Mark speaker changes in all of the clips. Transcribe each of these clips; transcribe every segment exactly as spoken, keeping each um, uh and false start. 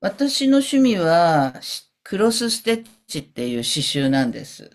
Speaker 1: 私の趣味は、しクロスステッチっていう刺繍なんです。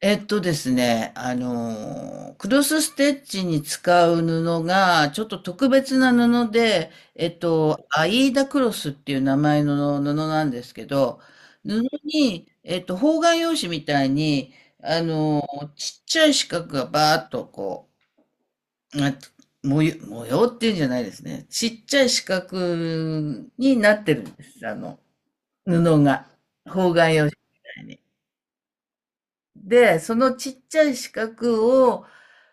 Speaker 1: えっとですね、あのー、クロスステッチに使う布が、ちょっと特別な布で、えっと、アイーダクロスっていう名前の布なんですけど、布に、えっと、方眼用紙みたいに、あのー、ちっちゃい四角がバーっとこう、あ模様、模様っていうんじゃないですね。ちっちゃい四角になってるんです。あの、布が、方眼用紙みたいに。で、そのちっちゃい四角を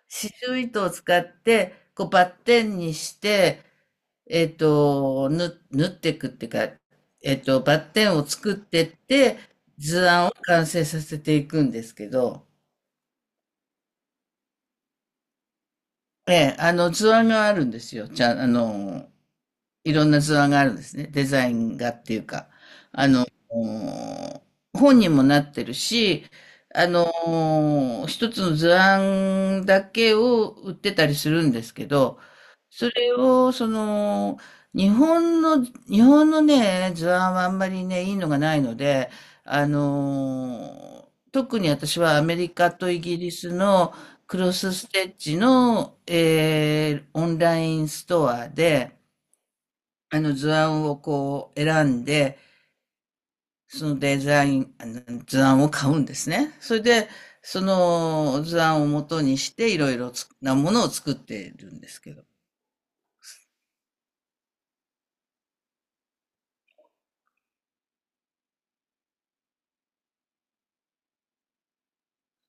Speaker 1: 刺繍糸を使って、こうバッテンにして、えっと、縫縫っていくっていうか、えっと、バッテンを作ってって、図案を完成させていくんですけど、ええ、あの、図案があるんですよ。じゃあ、あの、いろんな図案があるんですね。デザインがっていうか、あの、本にもなってるし、あの、一つの図案だけを売ってたりするんですけど、それを、その、日本の、日本のね、図案はあんまりね、いいのがないので、あの、特に私はアメリカとイギリスのクロスステッチの、えーオンラインストアで、あの図案をこう選んで、そのデザイン、あの図案を買うんですね。それで、その図案を元にしていろいろつなものを作っているんですけど。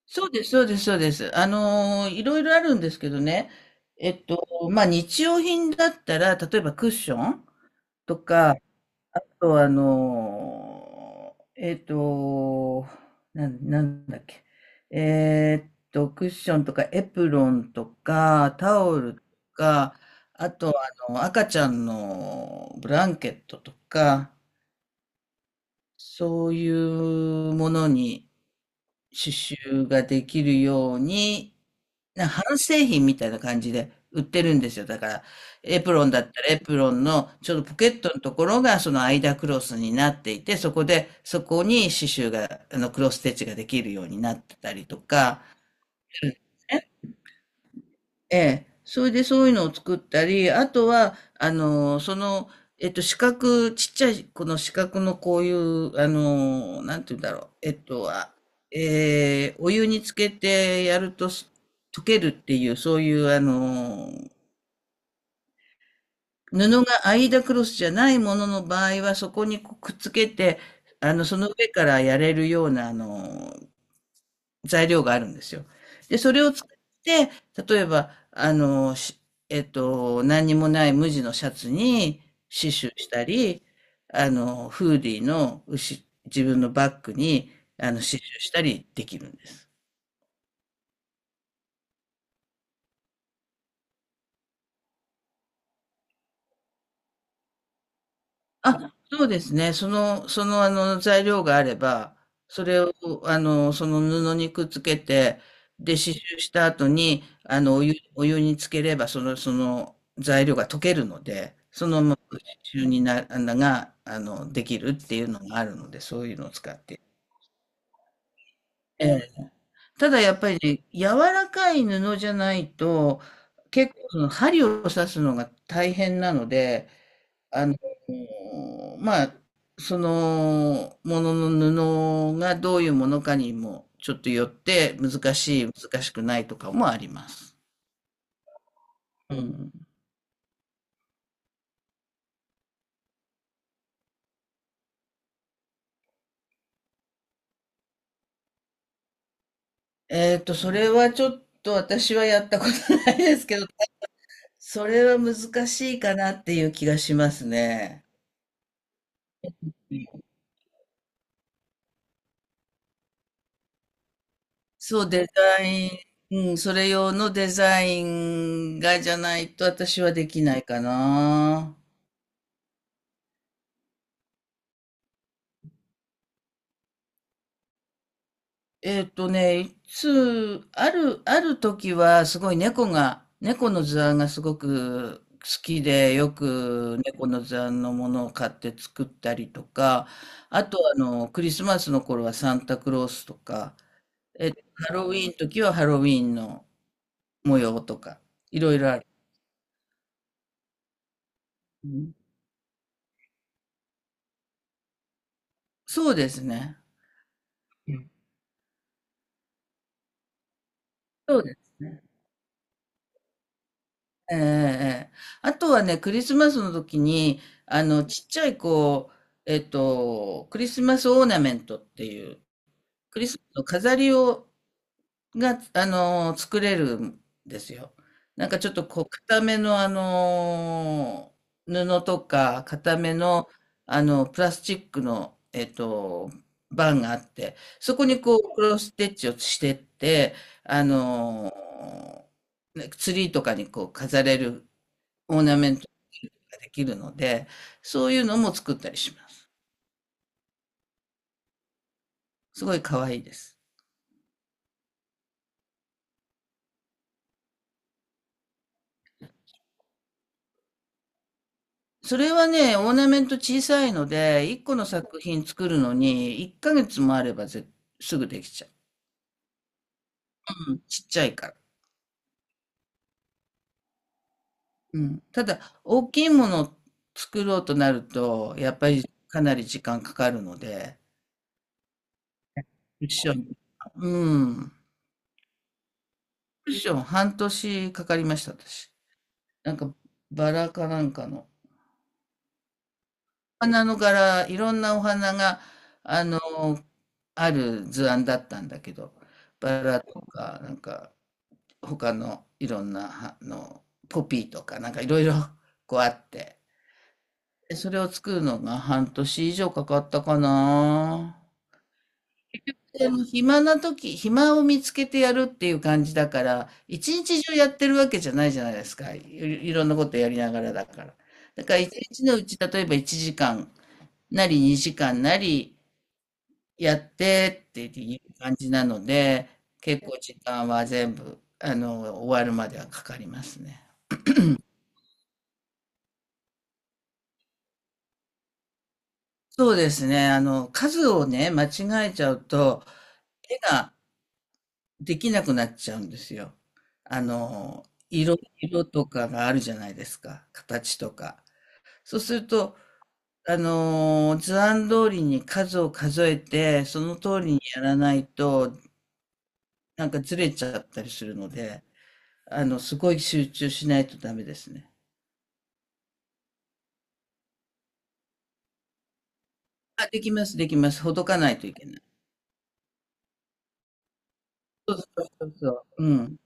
Speaker 1: そうです、そうです、そうです。あのー、いろいろあるんですけどね。えっと、まあ、日用品だったら、例えばクッションとか、と、あの、えっと、なん、なんだっけ。えーっと、クッションとかエプロンとか、タオルとか、あと、あの、赤ちゃんのブランケットとか、そういうものに刺繍ができるように、な半製品みたいな感じで売ってるんですよ。だから、エプロンだったらエプロンのちょうどポケットのところがその間クロスになっていて、そこで、そこに刺繍が、あの、クロスステッチができるようになってたりとか、ね、ええ。それでそういうのを作ったり、あとは、あの、その、えっと、四角、ちっちゃい、この四角のこういう、あの、なんて言うんだろう。えっと、あ、えーお湯につけてやるとす溶けるっていう、そういう、あの、布がアイダクロスじゃないものの場合は、そこにこうくっつけて、あの、その上からやれるような、あの、材料があるんですよ。で、それを使って、例えば、あの、しえっと、何にもない無地のシャツに刺繍したり、あの、フーディーの牛自分のバッグに、あの、刺繍したりできるんです。あ、そうですね。その、その、あの、材料があれば、それを、あの、その布にくっつけて、で、刺繍した後に、あの、お湯、お湯につければ、その、その材料が溶けるので、そのまま刺繍にな、あのが、あの、できるっていうのがあるので、そういうのを使って。ええ。ただ、やっぱりね、柔らかい布じゃないと、結構、その針を刺すのが大変なので、あの、まあ、そのものの布がどういうものかにもちょっとよって難しい、難しくないとかもあります。うん。えっと、それはちょっと私はやったことないですけど、それは難しいかなっていう気がしますね。そう、デザイン、うん、それ用のデザインがじゃないと私はできないかな。えっとね、いつ、ある、ある時はすごい猫が、猫の図案がすごく好きで、よく猫の図案のものを買って作ったりとか、あとあの、クリスマスの頃はサンタクロースとか、えっと、ハロウィーンの時はハロウィーンの模様とか、いろいろある。うん、そうですね。うん、そうですね。ええええ。あとはね、クリスマスの時に、あの、ちっちゃいこう、えっと、クリスマスオーナメントっていう、クリスマスの飾りを、が、あの、作れるんですよ。なんかちょっとこう、固めのあの、布とか、固めの、あの、プラスチックの、えっと、バンがあって、そこにこう、クロスステッチをしてって、あの、ねツリーとかにこう飾れるオーナメントができるので、そういうのも作ったりします。すごい可愛いです。それはね、オーナメント小さいので、いっこの作品作るのに、いっかげつもあればぜすぐできちゃう。うん、ちっちゃいから。うん。ただ、大きいものを作ろうとなると、やっぱりかなり時間かかるので、クッション、うん。クッション半年かかりました、私。なんか、バラかなんかの。花の柄、いろんなお花が、あの、ある図案だったんだけど、バラとか、なんか、他のいろんな、あの、ポピーとか、なんかいろいろ、こうあって、でそれを作るのが半年以上かかったかな。でも暇な時、暇を見つけてやるっていう感じだから、一日中やってるわけじゃないじゃないですか。い、いろんなことやりながらだから。だから一日のうち、例えばいちじかんなりにじかんなり、やってっていう感じなので、結構時間は全部、あの、終わるまではかかりますね。そうですね。あの、数をね、間違えちゃうと、絵ができなくなっちゃうんですよ。あの、色、色とかがあるじゃないですか。形とか。そうすると、あの、図案通りに数を数えて、その通りにやらないと、なんかずれちゃったりするので、あの、すごい集中しないとダメですね。あ、できます、できます。ほどかないといけない。そうそうそうそう。うん。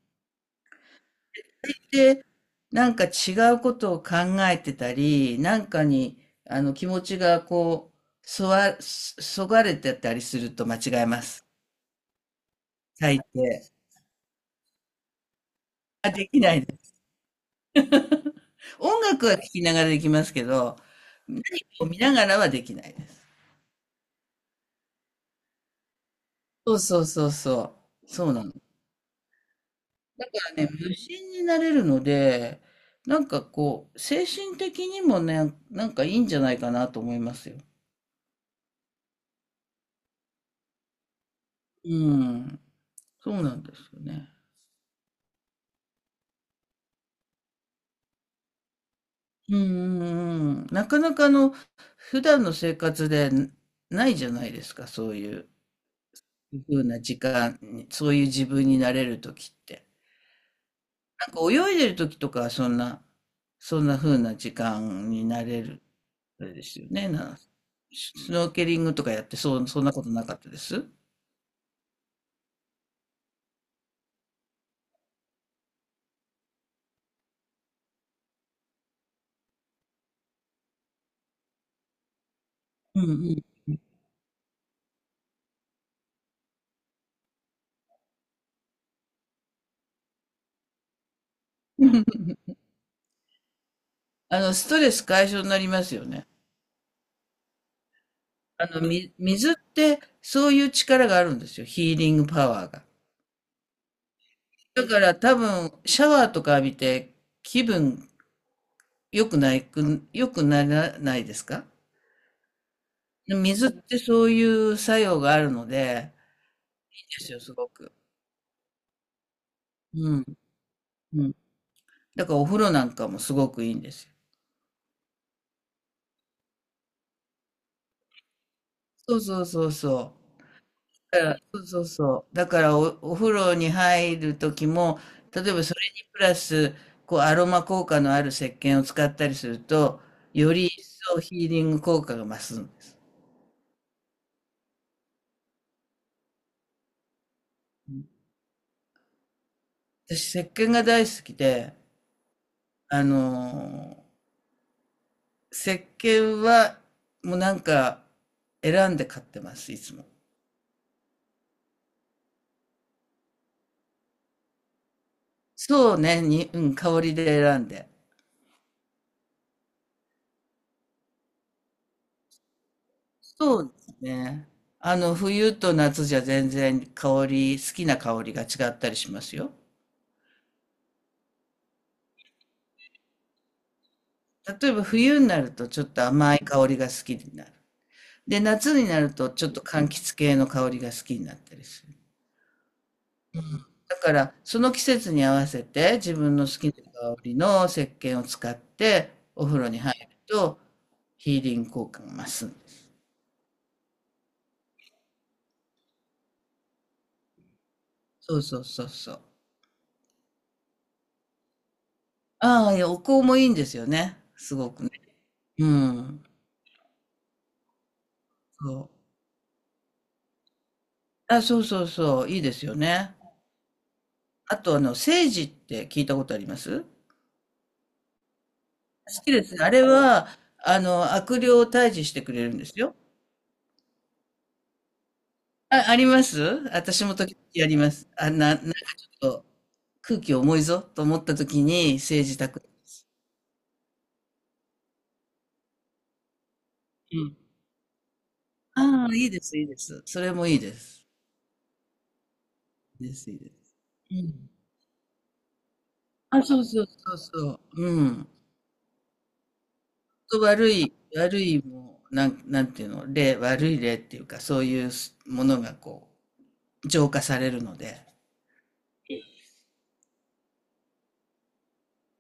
Speaker 1: で、なんか違うことを考えてたり、なんかに、あの、気持ちがこう、そわ、そそがれてたりすると間違えます。大抵。あ、できないです。音楽は聴きながらできますけど、何かを見ながらはできないです。そうそうそうそう。そうなの。だからね、無心になれるので、なんかこう、精神的にもね、なんかいいんじゃないかなと思いますよ。うん。そうなんですよね。うんうんうん。なかなかあの、普段の生活でないじゃないですか、そういうふうな時間に、そういう自分になれる時って。なんか泳いでる時とかはそんな、そんなふうな時間になれる、あれですよね。な、スノーケリングとかやって、そう、そんなことなかったです。うんうん。あの、ストレス解消になりますよね。あの、み、水ってそういう力があるんですよ。ヒーリングパワーが。だから多分、シャワーとか浴びて気分良くないく、良くならないですか？水ってそういう作用があるので、いいですよ、すごく。うん、うん。だからお風呂なんかもすごくいいんですよ。そうそうそうそう。だから、そうそうそう。だからお、お風呂に入る時も、例えばそれにプラス、こう、アロマ効果のある石鹸を使ったりすると、より一層ヒーリング効果が増すんです。私、石鹸が大好きで、あの石鹸は、もうなんか、選んで買ってます、いつも。そうね、に、うん、香りで選んで。そうですね。あの、冬と夏じゃ全然香り、好きな香りが違ったりしますよ。例えば冬になるとちょっと甘い香りが好きになる。で、夏になるとちょっと柑橘系の香りが好きになったりする。だから、その季節に合わせて、自分の好きな香りの石鹸を使って、お風呂に入ると、ヒーリング効果が増すんです。そうそうそうそう。ああ、いや、お香もいいんですよね。すごくね。うん。そう。あ、そうそうそう、いいですよね。あと、あの、セージって聞いたことあります？好きです。あれは、あの、悪霊を退治してくれるんですよ。あ、あります。私も時々やります。あ、な、なんかちょっと空気重いぞと思った時に政治宅です。うん。ああ、いいです、いいです。それもいいです。いいです、いいです。うん。あ、そうそうそうそう。うん。と悪い、悪いもう、なん、なんていうの、例、悪い例っていうか、そういうものがこう、浄化されるので。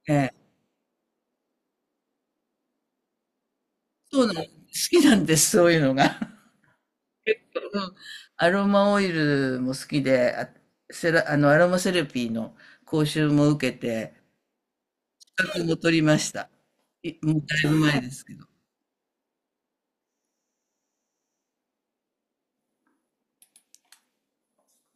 Speaker 1: ええ。そうなん、好きなんです、そういうのが。うん、アロマオイルも好きで、あ、セラ、あの、アロマセラピーの講習も受けて、資格も取りました。いもうだいぶ前ですけど。